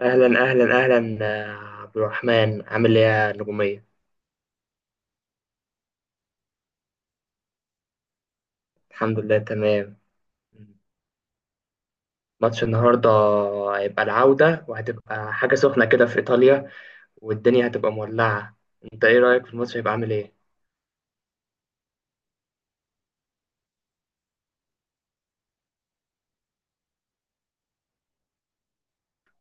أهلا أهلا أهلا. آه، عبد الرحمن عامل إيه يا نجومية؟ الحمد لله تمام. ماتش النهاردة هيبقى العودة، وهتبقى حاجة سخنة كده في إيطاليا، والدنيا هتبقى مولعة. أنت إيه رأيك في الماتش، هيبقى عامل إيه؟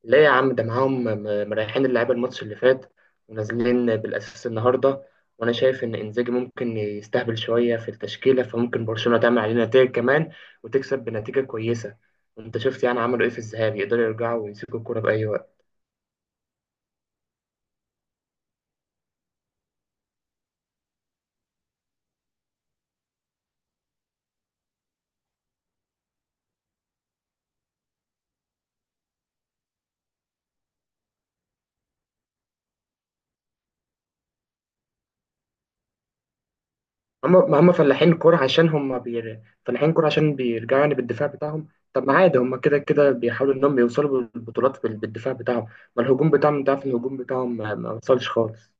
ليه يا عم؟ ده معاهم مريحين اللعيبة الماتش اللي فات، ونازلين بالأساس النهاردة. وأنا شايف إن إنزاجي ممكن يستهبل شوية في التشكيلة، فممكن برشلونة تعمل علينا نتائج كمان وتكسب بنتيجة كويسة. أنت شفت يعني عملوا إيه في الذهاب؟ يقدروا يرجعوا ويمسكوا الكورة بأي وقت. هم ما هم فلاحين الكورة عشان فلاحين الكورة عشان بيرجعوا يعني بالدفاع بتاعهم. طب ما عادي، هم كده كده بيحاولوا انهم يوصلوا بالبطولات بالدفاع بتاعهم. ما الهجوم بتاعهم انت عارف الهجوم بتاعهم ما وصلش خالص.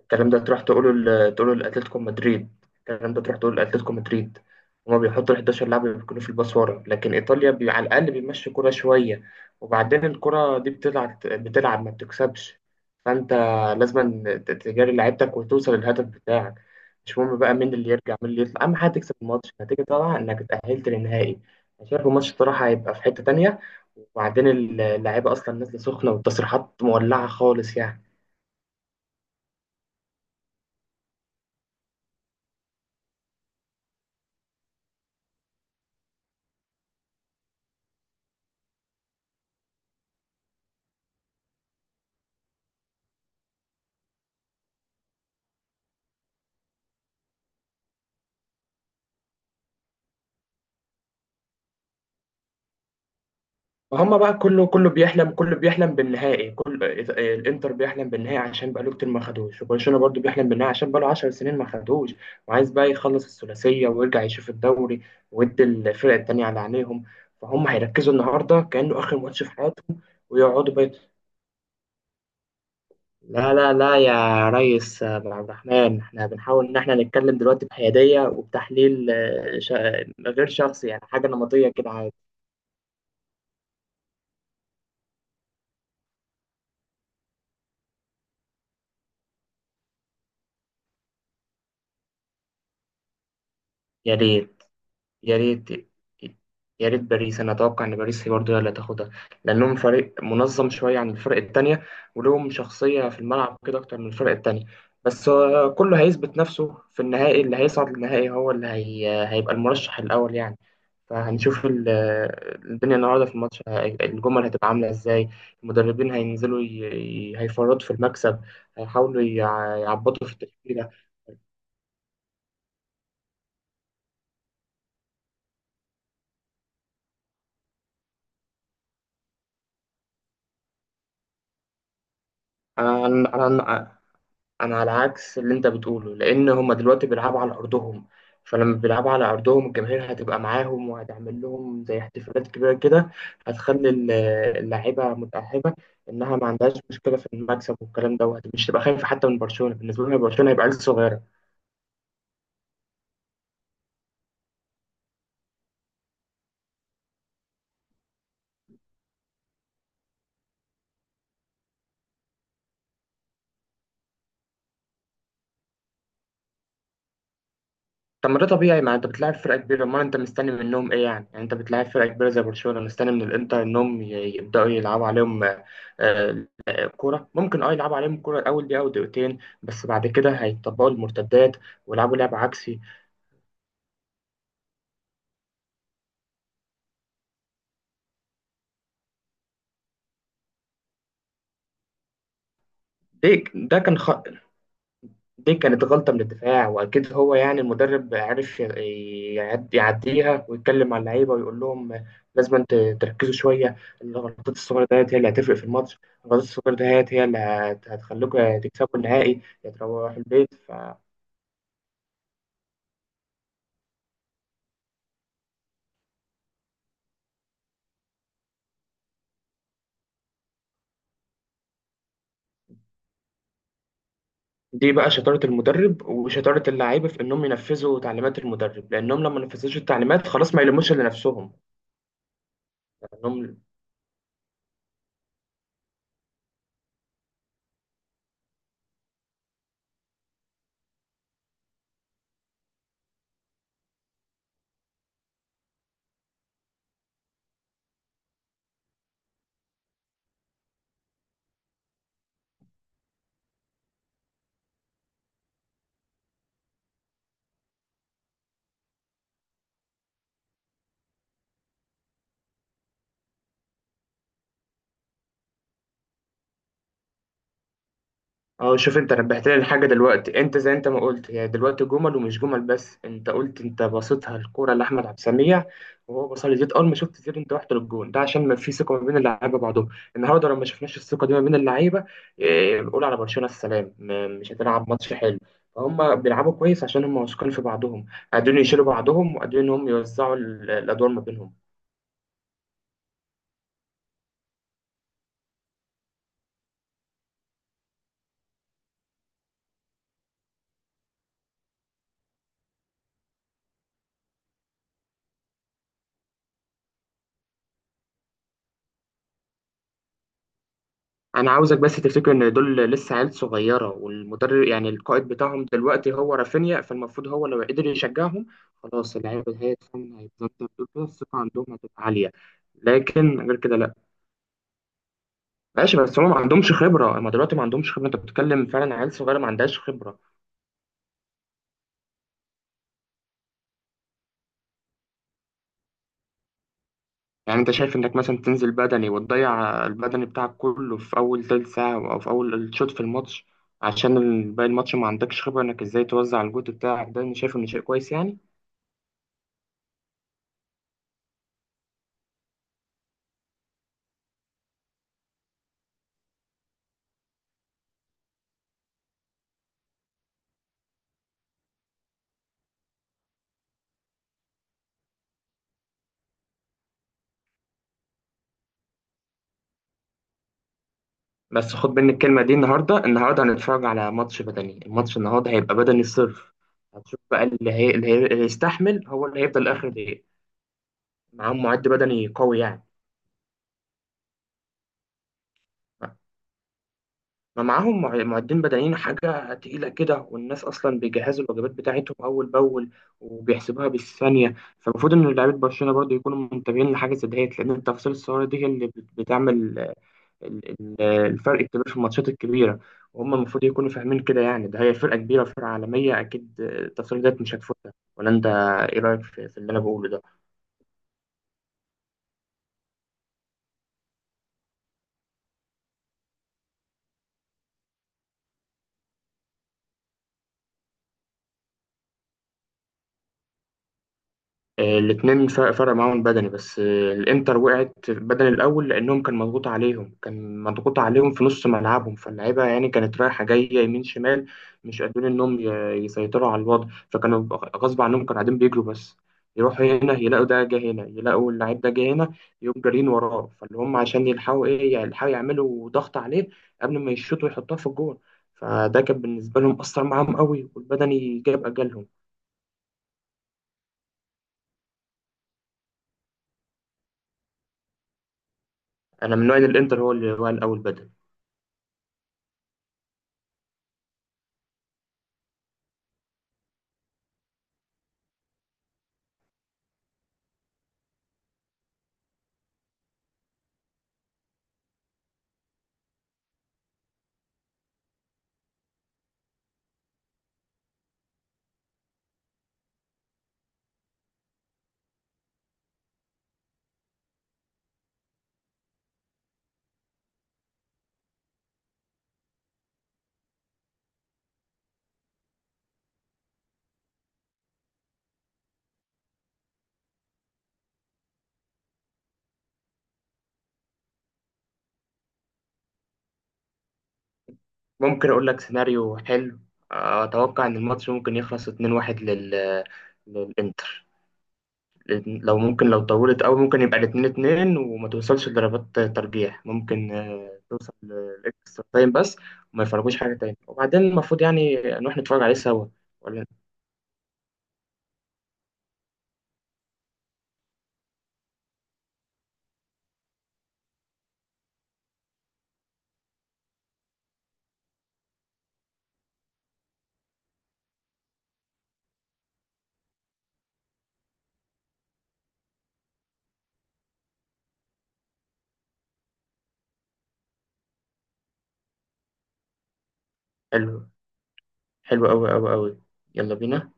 الكلام ده تروح تقوله تقوله لاتلتيكو مدريد. الكلام ده تروح تقوله لاتلتيكو مدريد. هما بيحطوا ال 11 لاعب اللي بيكونوا في الباص ورا، لكن ايطاليا على الاقل بيمشي كرة شويه. وبعدين الكرة دي بتلعب بتلعب، ما بتكسبش. فانت لازم تجاري لعيبتك وتوصل للهدف بتاعك. مش مهم بقى مين اللي يرجع مين اللي يطلع، اهم حاجه تكسب الماتش النتيجه، طبعا انك اتاهلت للنهائي. انا شايف الماتش الصراحه هيبقى في حته تانية. وبعدين اللعيبه اصلا نازله سخنه، والتصريحات مولعه خالص يعني. هما بقى كله بيحلم، كله بيحلم بالنهائي، كل الانتر بيحلم بالنهائي عشان بقاله كتير ما خدوش، وبرشلونه برضو بيحلم بالنهائي عشان بقاله 10 سنين ما خدوش. وعايز بقى يخلص الثلاثيه ويرجع يشوف الدوري، ويدي الفرق التانيه على عينيهم. فهم هيركزوا النهارده كانه اخر ماتش في حياتهم، ويقعدوا بقى. لا لا لا يا ريس عبد الرحمن، احنا بنحاول ان احنا نتكلم دلوقتي بحياديه وبتحليل غير شخصي، يعني حاجه نمطيه كده عادي. يا ريت، يا ريت، يا ريت باريس. انا اتوقع ان باريس هي برضه هي اللي هتاخدها، لانهم فريق منظم شويه عن الفرق التانية، ولهم شخصيه في الملعب كده اكتر من الفرق التانية. بس كله هيثبت نفسه في النهائي. اللي هيصعد للنهائي هو هيبقى المرشح الاول يعني. فهنشوف ال- الدنيا النهارده في الماتش الجمل هتبقى عامله ازاي. المدربين هيفرطوا في المكسب، هيحاولوا يعبطوا في التشكيله. انا انا انا على عكس اللي انت بتقوله، لان هم دلوقتي بيلعبوا على ارضهم. فلما بيلعبوا على ارضهم، الجماهير هتبقى معاهم وهتعمل لهم زي احتفالات كبيره كده. هتخلي ال- اللاعيبه متاهبه انها ما عندهاش مشكله في المكسب، والكلام دوت مش تبقى خايفه حتى من برشلونه. بالنسبه لهم برشلونه هيبقى عيل صغيره. طب ما ده طبيعي، ما انت بتلاعب فرقه كبيره. امال انت مستني منهم ايه يعني؟ يعني انت بتلاعب فرقه كبيره زي برشلونه، مستني من الانتر انهم يبداوا يلعبوا عليهم؟ آه، كورة ممكن اه يلعبوا عليهم الكورة الأول دقيقة أو دقيقتين، بس بعد كده هيطبقوا المرتدات ويلعبوا لعب عكسي. دي ده كان خ... دي كانت غلطة من الدفاع، وأكيد هو يعني المدرب عرف يعديها ويتكلم مع اللعيبة ويقول لهم لازم انت تركزوا شوية. الغلطات الصغيرة ديت هي اللي هتفرق في الماتش. الغلطات الصغيرة ديت هي اللي هتخليكوا يا تكسبوا النهائي يا تروحوا البيت. دي بقى شطارة المدرب وشطارة اللعيبة في إنهم ينفذوا تعليمات المدرب، لأنهم لما نفذوش التعليمات خلاص ما يلموش إلا نفسهم. لأنهم اه، شوف انت نبهت لي الحاجة دلوقتي. انت زي انت ما قلت هي دلوقتي جمل ومش جمل. بس انت قلت انت باصتها الكورة لأحمد عبد السميع، وهو باصها لزيد. اول ما شفت زيد انت رحت للجون ده، عشان ما في ثقة ما بين اللعيبة بعضهم. النهارده لو ما شفناش الثقة دي ما بين اللعيبة، اه، بنقول على برشلونة السلام، مش هتلعب ماتش حلو. فهم بيلعبوا كويس عشان هم واثقين في بعضهم، قادرين يشيلوا بعضهم، وقادرين ان هم يوزعوا الادوار ما بينهم. انا عاوزك بس تفتكر ان دول لسه عيال صغيره، والمدرب يعني القائد بتاعهم دلوقتي هو رافينيا. فالمفروض هو لو قدر يشجعهم، خلاص اللعيبه هيتفهم هيتظبط، بتقول كده الثقه عندهم هتبقى عاليه. لكن غير كده لا. ماشي، بس هم ما عندهمش خبره. هم دلوقتي ما عندهمش خبره. انت بتتكلم فعلا عيال صغيره ما عندهاش خبره. يعني انت شايف انك مثلا تنزل بدني وتضيع البدني بتاعك كله في اول تلت ساعه او في اول شوط في الماتش، عشان باقي الماتش ما عندكش خبره انك ازاي توزع الجهد بتاعك؟ ده انا شايف انه شيء كويس يعني. بس خد مني الكلمة دي، النهاردة النهاردة هنتفرج على ماتش بدني. الماتش النهاردة هيبقى بدني الصرف. هتشوف بقى اللي يستحمل هو اللي هيفضل آخر دقيقة. معاهم معد بدني قوي يعني. ما معاهم معدين بدنيين حاجة تقيلة كده. والناس أصلا بيجهزوا الوجبات بتاعتهم أول بأول، وبيحسبوها بالثانية. فالمفروض إن لعيبة برشلونة برضه يكونوا منتبهين لحاجة زي ديت، لأن التفاصيل الصغيرة دي هي اللي بتعمل الفرق الكبير في الماتشات الكبيره. وهم المفروض يكونوا فاهمين كده يعني. ده هي فرقه كبيره، فرقه عالميه، اكيد التصريح ده مش هتفوتها. ولا انت، ايه رايك في اللي انا بقوله ده؟ الاثنين فرق، فرق معاهم بدني، بس الانتر وقعت بدني الاول، لانهم كان مضغوط عليهم، كان مضغوط عليهم في نص ملعبهم. فاللعيبه يعني كانت رايحه جايه يمين شمال، مش قادرين انهم يسيطروا على الوضع. فكانوا غصب عنهم كانوا قاعدين بيجروا بس. يروحوا هنا يلاقوا ده جه هنا، يلاقوا اللعيب ده جه هنا، يقوم جارين وراه. فاللي هم عشان يلحقوا ايه يعني، يلحقوا يعملوا ضغط عليه قبل ما يشوطوا يحطوها في الجول. فده كان بالنسبه لهم اثر معاهم قوي، والبدني جاب اجلهم. انا من نوع إن الانتر هو اللي هو الاول بدني. ممكن أقول لك سيناريو حلو. أتوقع إن الماتش ممكن يخلص 2-1 لل... للإنتر. لأن لو ممكن لو طولت أوي ممكن يبقى الاتنين اتنين، وما توصلش لضربات ترجيح، ممكن توصل لإكسترا تايم بس. وما يفرجوش حاجة تاني. وبعدين المفروض يعني نروح نتفرج عليه سوا ولا؟ حلو. حلو أوي أوي أوي. يلا بينا.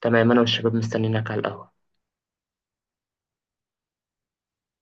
تمام، أنا والشباب مستنيينك على القهوة.